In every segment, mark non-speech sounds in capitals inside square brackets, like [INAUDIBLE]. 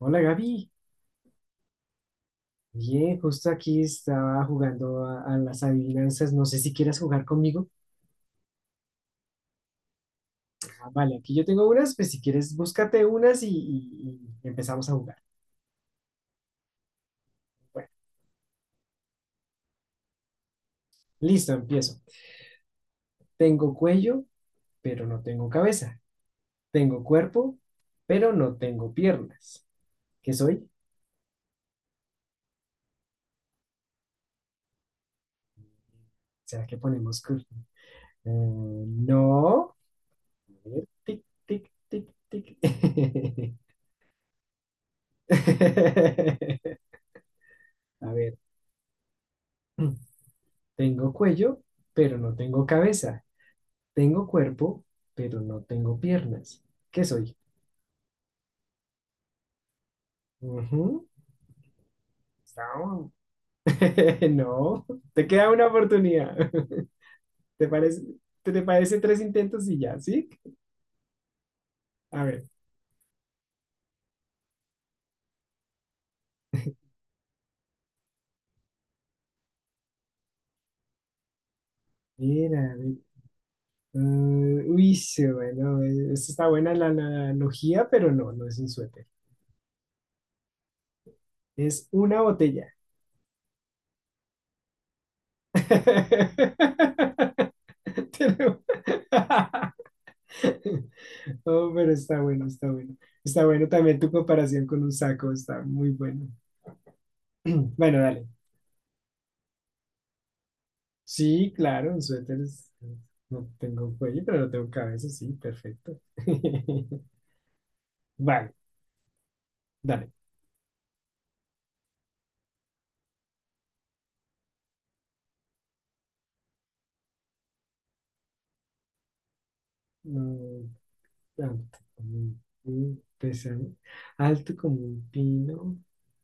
Hola Gaby, bien, justo aquí estaba jugando a las adivinanzas, no sé si quieras jugar conmigo. Ah, vale, aquí yo tengo unas, pues si quieres búscate unas y empezamos a jugar. Bueno, listo, empiezo. Tengo cuello, pero no tengo cabeza. Tengo cuerpo, pero no tengo piernas. ¿Qué soy? ¿Será que ponemos cur- Eh, no. A ver, tic, tic, tic, tic. [LAUGHS] A ver. Tengo cuello, pero no tengo cabeza. Tengo cuerpo, pero no tengo piernas. ¿Qué soy? Ujú. No. [LAUGHS] No. Te queda una oportunidad. [LAUGHS] ¿Te parece, te parece tres intentos y ya, ¿sí? A ver. Mira, a ver. Mm, uy, sí, bueno, esta está buena la analogía, pero no, no es un suéter. Es una botella. [LAUGHS] Te lo- [LAUGHS] Oh, pero está bueno, está bueno. Está bueno también tu comparación con un saco, está muy bueno. [CLEARS THROAT] Bueno, dale. Sí, claro, un suéter es- no tengo cuello, pero no tengo cabeza, sí, perfecto. [LAUGHS] Vale, dale. Mm, Alto como un pi- pesado, alto como un pino,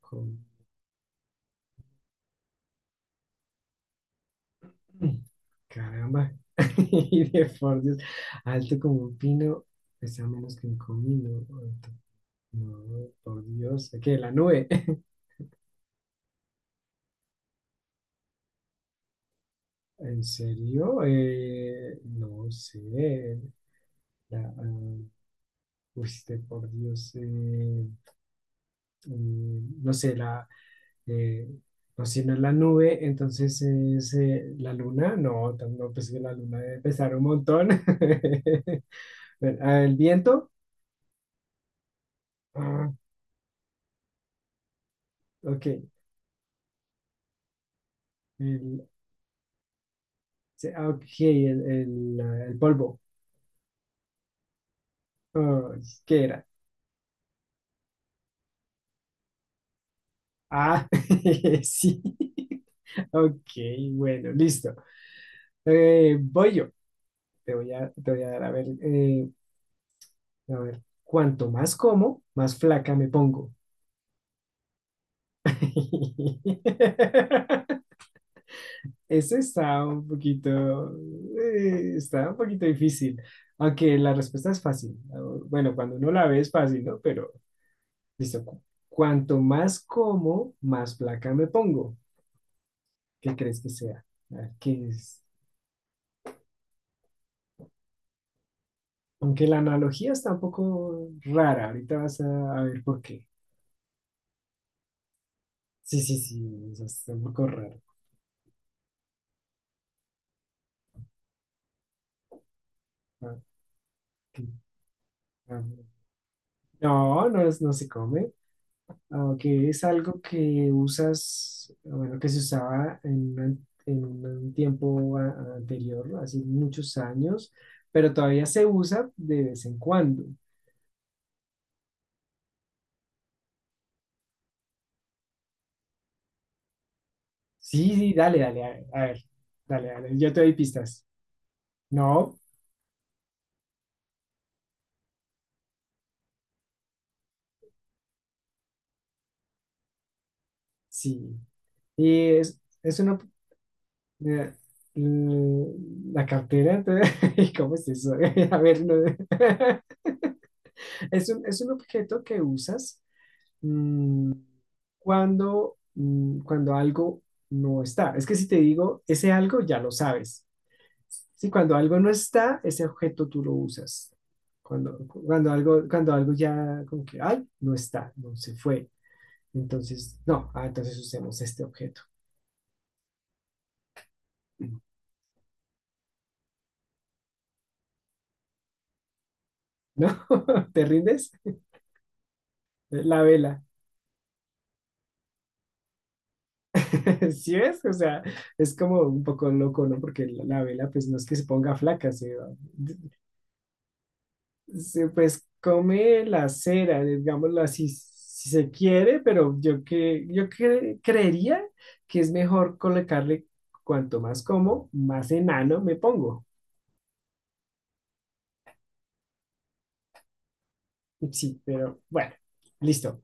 con... [CLEARS THROAT] Mm, Caramba. [LAUGHS] Y de por Dios, alto como un pino, pesa menos que un comino. Alto. No, por Dios, ¿qué? La nube. [LAUGHS] ¿En serio? No sé. La, uy, este, por Dios. No sé, la. eh, no, si no es la nube, entonces es la luna. No, tam- no, pues que la luna debe pesar un montón. [LAUGHS] Bueno, el viento. Ah, ok. El, se- ah, ok, sí, el, el polvo. Ah, ¿qué era? Ah, [LAUGHS] sí. Ok, bueno, listo. Voy yo. Te voy a dar, a ver, cuanto más como, más flaca me pongo. [LAUGHS] Ese está un poquito difícil, aunque la respuesta es fácil. Bueno, cuando uno la ve es fácil, ¿no? Pero, listo, cu- cuanto más como, más flaca me pongo. ¿Qué crees que sea? A ver, ¿qué es? Aunque la analogía está un poco rara, ahorita vas a ver por qué. Sí, sí, sí, eso está un poco raro. Ah, ok. Ah, no, no es, no se come, aunque es algo que usas, bueno, que se usaba en, una- en un tiempo a- anterior, hace muchos años, pero todavía se usa de vez en cuando. Sí, sí, dale, dale, a ver, dale, dale, yo te doy pistas. No, sí, y es una, eh, la cartera, entonces, [LAUGHS] ¿cómo es eso? [LAUGHS] A ver, no. [LAUGHS] Es un objeto que usas. Cuando, cuando algo no está. Es que si te digo ese algo, ya lo sabes. Sí, cuando algo no está, ese objeto tú lo usas. Cuando algo ya como que, ay, no está, no se fue. Entonces, no, ah, entonces usemos este objeto. ¿No? [LAUGHS] ¿Te rindes? La vela. [LAUGHS] ¿Sí ves? O sea, es como un poco loco, ¿no? Porque la vela, pues no es que se ponga flaca, se va- se, pues come la cera, digámoslo así, si se quiere, pero yo, que, yo cre- creería que es mejor colocarle cuanto más como, más enano me pongo. Sí, pero bueno, listo.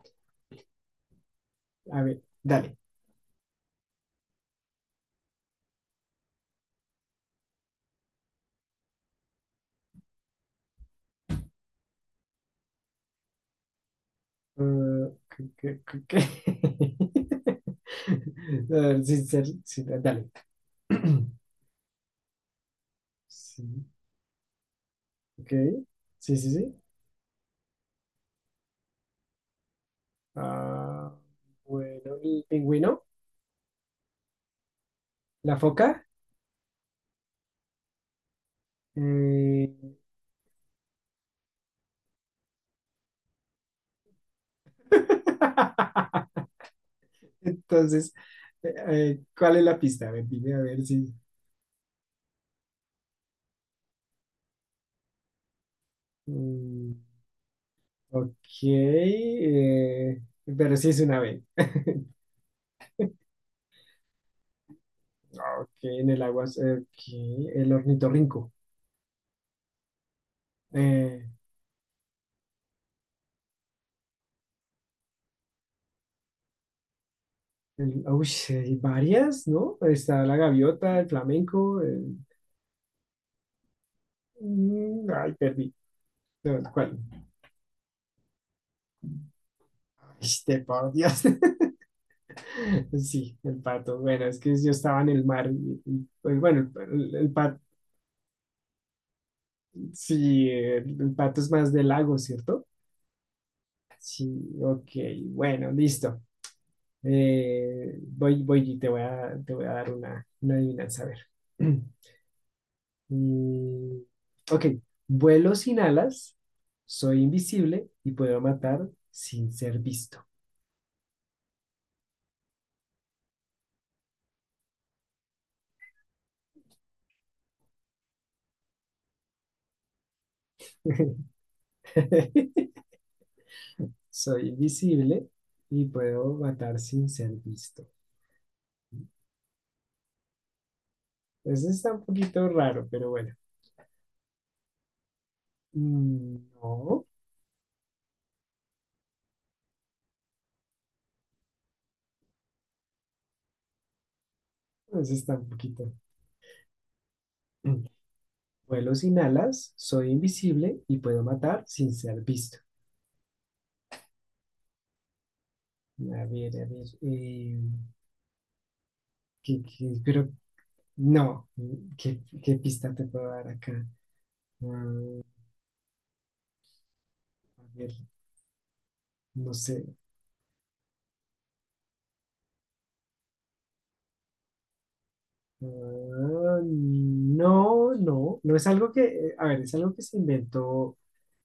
A ver, dale. [LAUGHS] ¿Qué- qué- qué- qué? [LAUGHS] A ver, sin ser- sí, dale. [CLEARS THROAT] Sí, ok. Sí, sí, sí. Ah, bueno, el pingüino, la foca. Eh, [LAUGHS] entonces, ¿cuál es la pista? A ver, dime a ver si. mm, ok. eh, pero sí es una B. Ok, en el agua. Ok, el ornitorrinco. Eh, el- uy, sí, hay varias, ¿no? Está la gaviota, el flamenco. El- ay, perdí. No, ¿cuál? Este, por Dios. [LAUGHS] Sí, el pato. Bueno, es que yo estaba en el mar. Y, pues, bueno, el pato. Sí, el pato es más de lago, ¿cierto? Sí, ok, bueno, listo. Voy, voy y te voy a dar una adivinanza, a ver. [CLEARS THROAT] Mm, ok, vuelo sin alas, soy invisible y puedo matar sin ser visto. [LAUGHS] Soy invisible y puedo matar sin ser visto. Eso está un poquito raro, pero bueno. Mm, No, eso está un poquito. Vuelo sin alas, soy invisible y puedo matar sin ser visto. A ver, ¿qué- qué? Pero no, ¿qué, qué pista te puedo dar acá? Ah, a ver, no sé. Ah, no, no, no es algo que, a ver, es algo que se inventó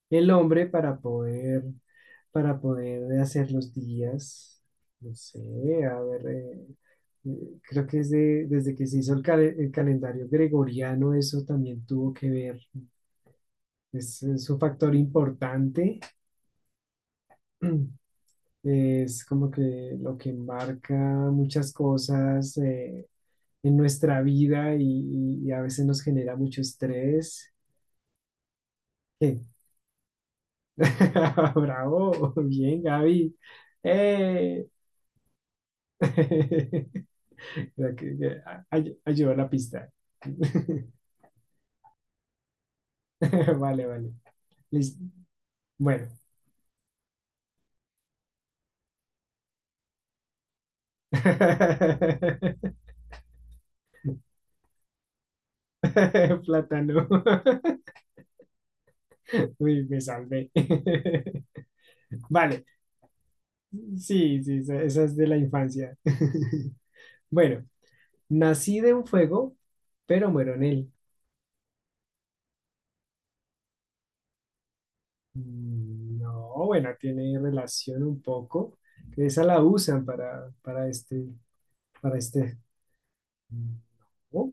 el hombre para poder hacer los días, no sé, a ver, creo que desde, desde que se hizo el, cal- el calendario gregoriano, eso también tuvo que ver, es un factor importante, [CLEARS THROAT] es como que lo que marca muchas cosas en nuestra vida y a veces nos genera mucho estrés. Eh, [LAUGHS] Bravo, bien, Gaby. ¡Eh! [LAUGHS] Ya que- ya, a- ay- Ayudó a la pista. [LAUGHS] Vale, vale. Listo. Bueno. [LAUGHS] Plátano. [LAUGHS] Uy, me salvé. [LAUGHS] Vale. Sí, sí, esa esa es de la infancia. [LAUGHS] Bueno, nací de un fuego, pero muero en él. No, bueno, tiene relación un poco. Que esa la usan para este, para este. Mm, No.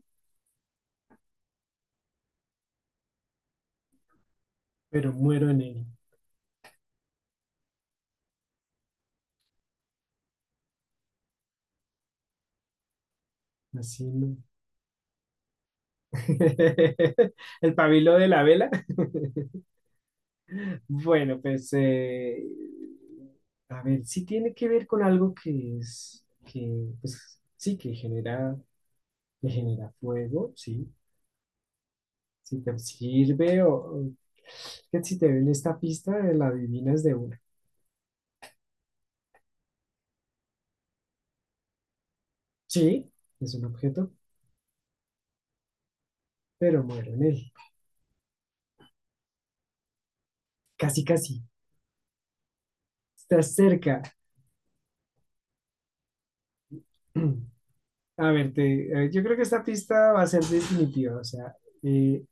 Pero muero en él. Así no. [LAUGHS] El pabilo de la vela. [LAUGHS] Bueno, pues a ver, sí tiene que ver con algo que es, que pues, sí, que genera fuego, sí. Si te sirve o- que si te ven esta pista, la adivinas de una. Sí, es un objeto, pero muero en él. Casi, casi. Estás cerca. [CLEARS THROAT] A ver, te- yo creo que esta pista va a ser definitiva, o sea, eh,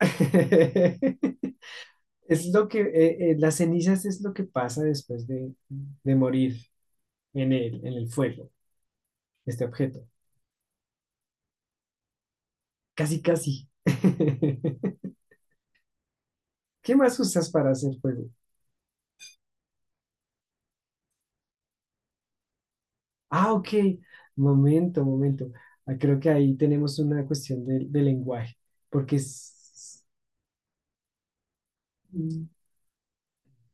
[LAUGHS] es lo que, las cenizas es lo que pasa después de morir en el fuego, este objeto. Casi, casi. [LAUGHS] ¿Qué más usas para hacer fuego? Ah, ok, momento, momento. Ah, creo que ahí tenemos una cuestión de lenguaje, porque es-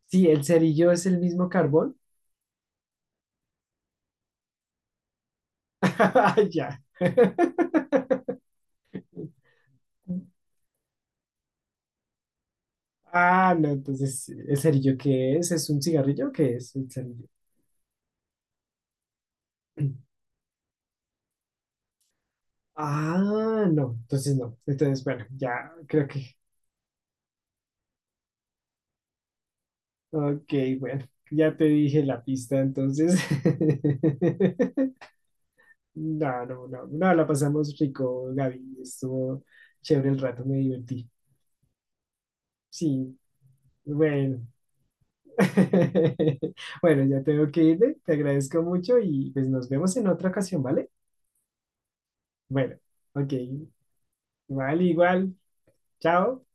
sí, el cerillo es el mismo carbón. [LAUGHS] Ya. [LAUGHS] Ah, no, entonces, ¿el cerillo qué es? ¿Es un cigarrillo? ¿Qué es el cerillo? [CLEARS THROAT] Ah, no, entonces no. Entonces, bueno, ya creo que. Ok, bueno, ya te dije la pista, entonces. [LAUGHS] No, no, no, no, la pasamos rico, Gaby. Estuvo chévere el rato, me divertí. Sí, bueno, [LAUGHS] Bueno, ya tengo que irme, te agradezco mucho y pues nos vemos en otra ocasión, ¿vale? Bueno, ok, igual, igual, chao.